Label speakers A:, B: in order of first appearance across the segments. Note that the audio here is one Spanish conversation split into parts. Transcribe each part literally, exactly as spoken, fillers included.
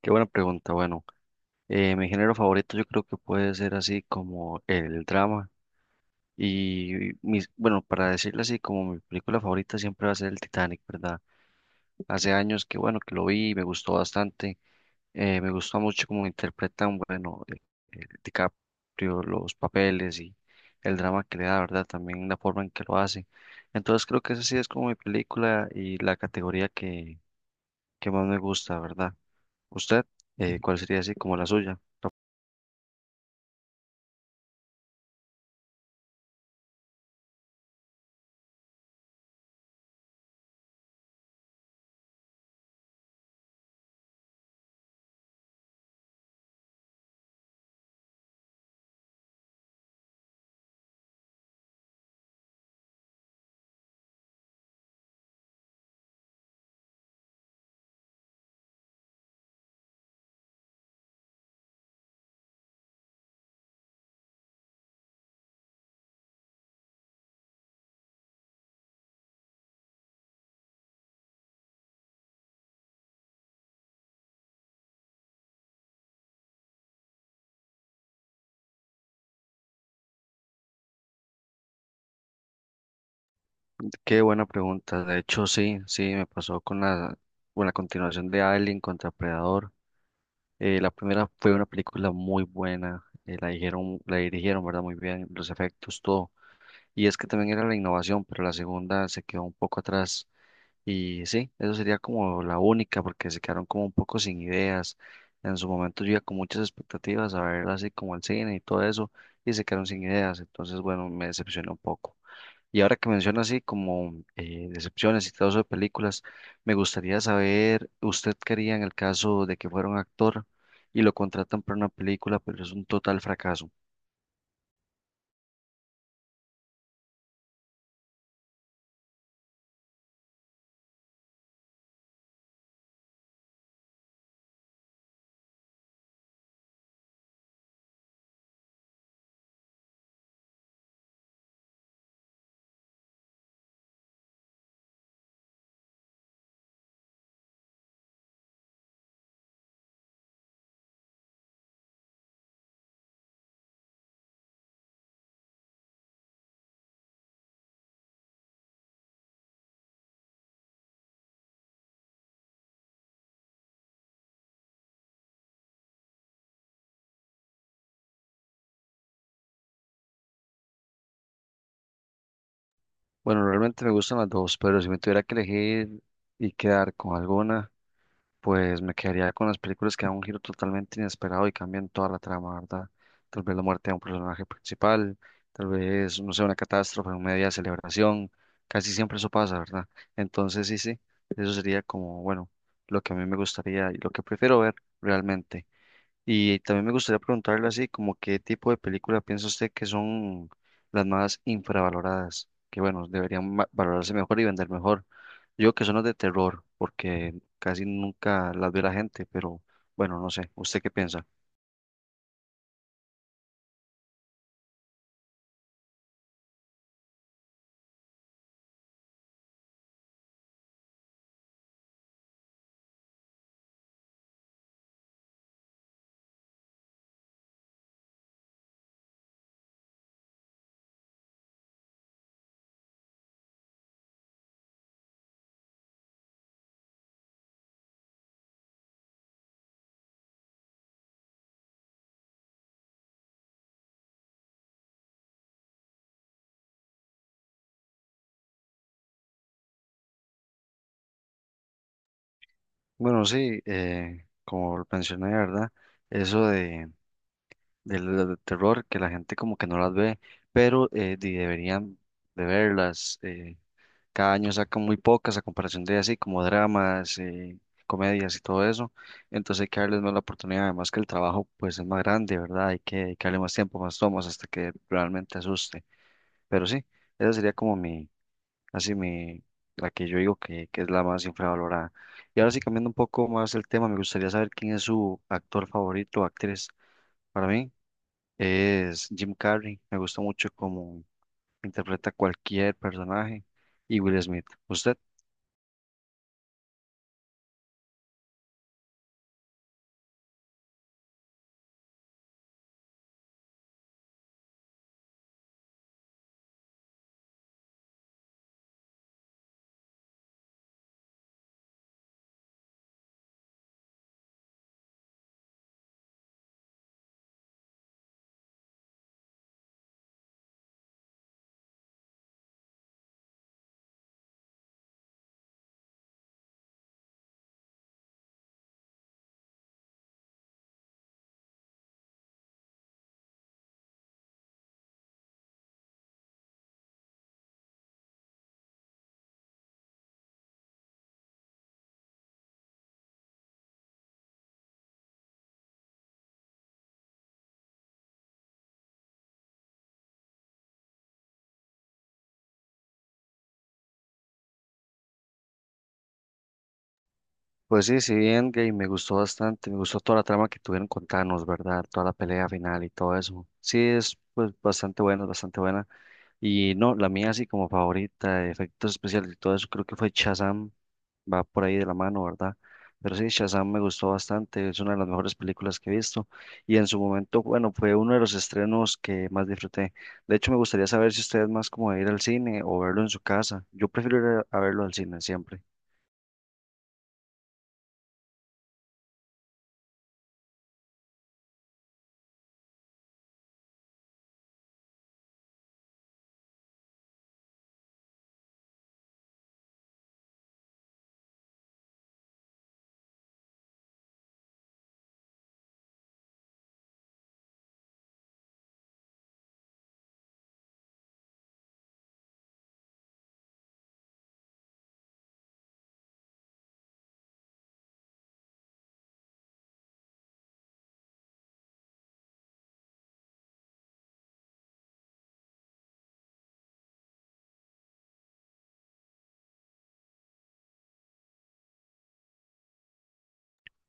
A: Qué buena pregunta. Bueno, eh, mi género favorito yo creo que puede ser así como el drama. Y mis, bueno, para decirlo así, como mi película favorita siempre va a ser el Titanic, ¿verdad? Hace años que bueno, que lo vi y me gustó bastante. Eh, me gustó mucho cómo interpretan, bueno, eh, eh, DiCaprio, los papeles y el drama que le da, ¿verdad? También la forma en que lo hace. Entonces creo que esa sí es como mi película y la categoría que, que más me gusta, ¿verdad? ¿Usted, eh, cuál sería así como la suya? Qué buena pregunta. De hecho, sí, sí, me pasó con la, con la continuación de Alien contra Predador. Eh, la primera fue una película muy buena. Eh, la dijeron, la dirigieron, ¿verdad? Muy bien, los efectos, todo. Y es que también era la innovación, pero la segunda se quedó un poco atrás. Y sí, eso sería como la única, porque se quedaron como un poco sin ideas. En su momento yo iba con muchas expectativas a ver así como el cine y todo eso, y se quedaron sin ideas. Entonces, bueno, me decepcionó un poco. Y ahora que menciona así como eh, decepciones y todo eso de películas, me gustaría saber, ¿usted quería en el caso de que fuera un actor y lo contratan para una película, pero es un total fracaso? Bueno, realmente me gustan las dos, pero si me tuviera que elegir y quedar con alguna... Pues me quedaría con las películas que dan un giro totalmente inesperado y cambian toda la trama, ¿verdad? Tal vez la muerte de un personaje principal, tal vez, no sé, una catástrofe, una media celebración, casi siempre eso pasa, ¿verdad? Entonces, sí, sí, eso sería como, bueno, lo que a mí me gustaría y lo que prefiero ver realmente. Y también me gustaría preguntarle así, como qué tipo de película piensa usted que son las más infravaloradas, que bueno, deberían ma- valorarse mejor y vender mejor. Yo que son las de terror, porque casi nunca las ve la gente, pero bueno, no sé, ¿usted qué piensa? Bueno, sí, eh, como lo mencioné, ¿verdad? Eso de, Del las terror, que la gente como que no las ve, pero eh, di- deberían de verlas. eh, Cada año sacan muy pocas a comparación de así como dramas, eh, comedias y todo eso. Entonces hay que darles más la oportunidad, además que el trabajo pues es más grande, ¿verdad? Hay que dedicarle más tiempo, más tomas hasta que realmente asuste. Pero sí, esa sería como mi, así mi, la que yo digo que, que es la más infravalorada. Y ahora sí, cambiando un poco más el tema, me gustaría saber quién es su actor favorito o actriz. Para mí es Jim Carrey, me gusta mucho cómo interpreta cualquier personaje y Will Smith. ¿Usted? Pues sí, sí, bien, gay, me gustó bastante, me gustó toda la trama que tuvieron con Thanos, ¿verdad? Toda la pelea final y todo eso. Sí, es pues bastante buena, bastante buena. Y no, la mía así como favorita, de efectos especiales y todo eso, creo que fue Shazam, va por ahí de la mano, ¿verdad? Pero sí, Shazam me gustó bastante, es una de las mejores películas que he visto. Y en su momento, bueno, fue uno de los estrenos que más disfruté. De hecho, me gustaría saber si usted es más como de ir al cine o verlo en su casa. Yo prefiero ir a a verlo al cine siempre.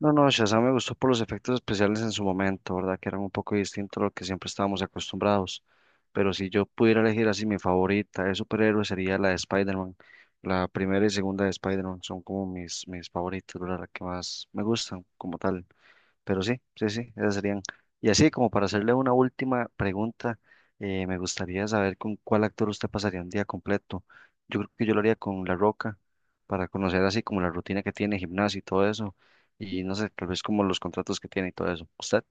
A: No, no, Shazam me gustó por los efectos especiales en su momento, ¿verdad? Que eran un poco distintos a lo que siempre estábamos acostumbrados. Pero si yo pudiera elegir así mi favorita de superhéroe sería la de Spider-Man. La primera y segunda de Spider-Man son como mis, mis favoritas, ¿verdad? Las que más me gustan como tal. Pero sí, sí, sí, esas serían. Y así como para hacerle una última pregunta, eh, me gustaría saber con cuál actor usted pasaría un día completo. Yo creo que yo lo haría con La Roca, para conocer así como la rutina que tiene, gimnasio y todo eso, y no sé, tal vez como los contratos que tiene y todo eso. ¿Usted?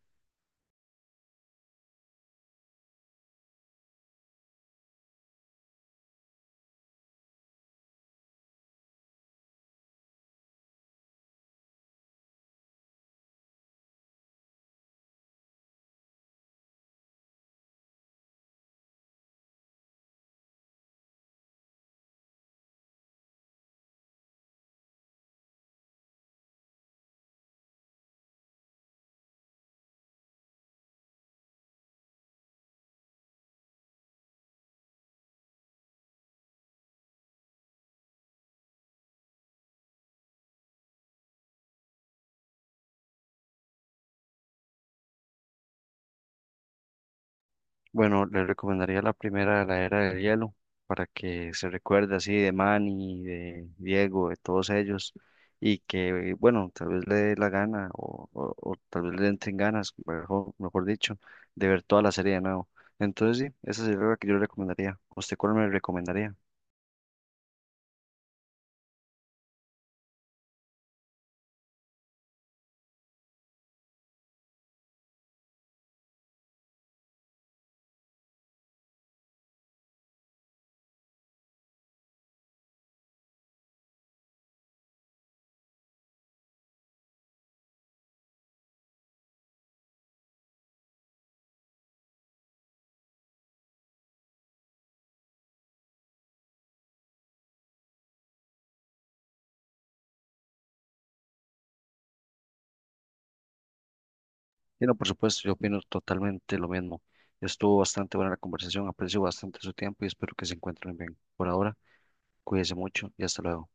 A: Bueno, le recomendaría la primera de la era del hielo para que se recuerde así de Manny, de Diego, de todos ellos y que, bueno, tal vez le dé la gana o, o- o tal vez le entren ganas, mejor, mejor dicho, de ver toda la serie de nuevo. Entonces, sí, esa sería la que yo le recomendaría. ¿Usted cuál me recomendaría? Y no, por supuesto, yo opino totalmente lo mismo. Estuvo bastante buena la conversación, aprecio bastante su tiempo y espero que se encuentren bien. Por ahora, cuídense mucho y hasta luego.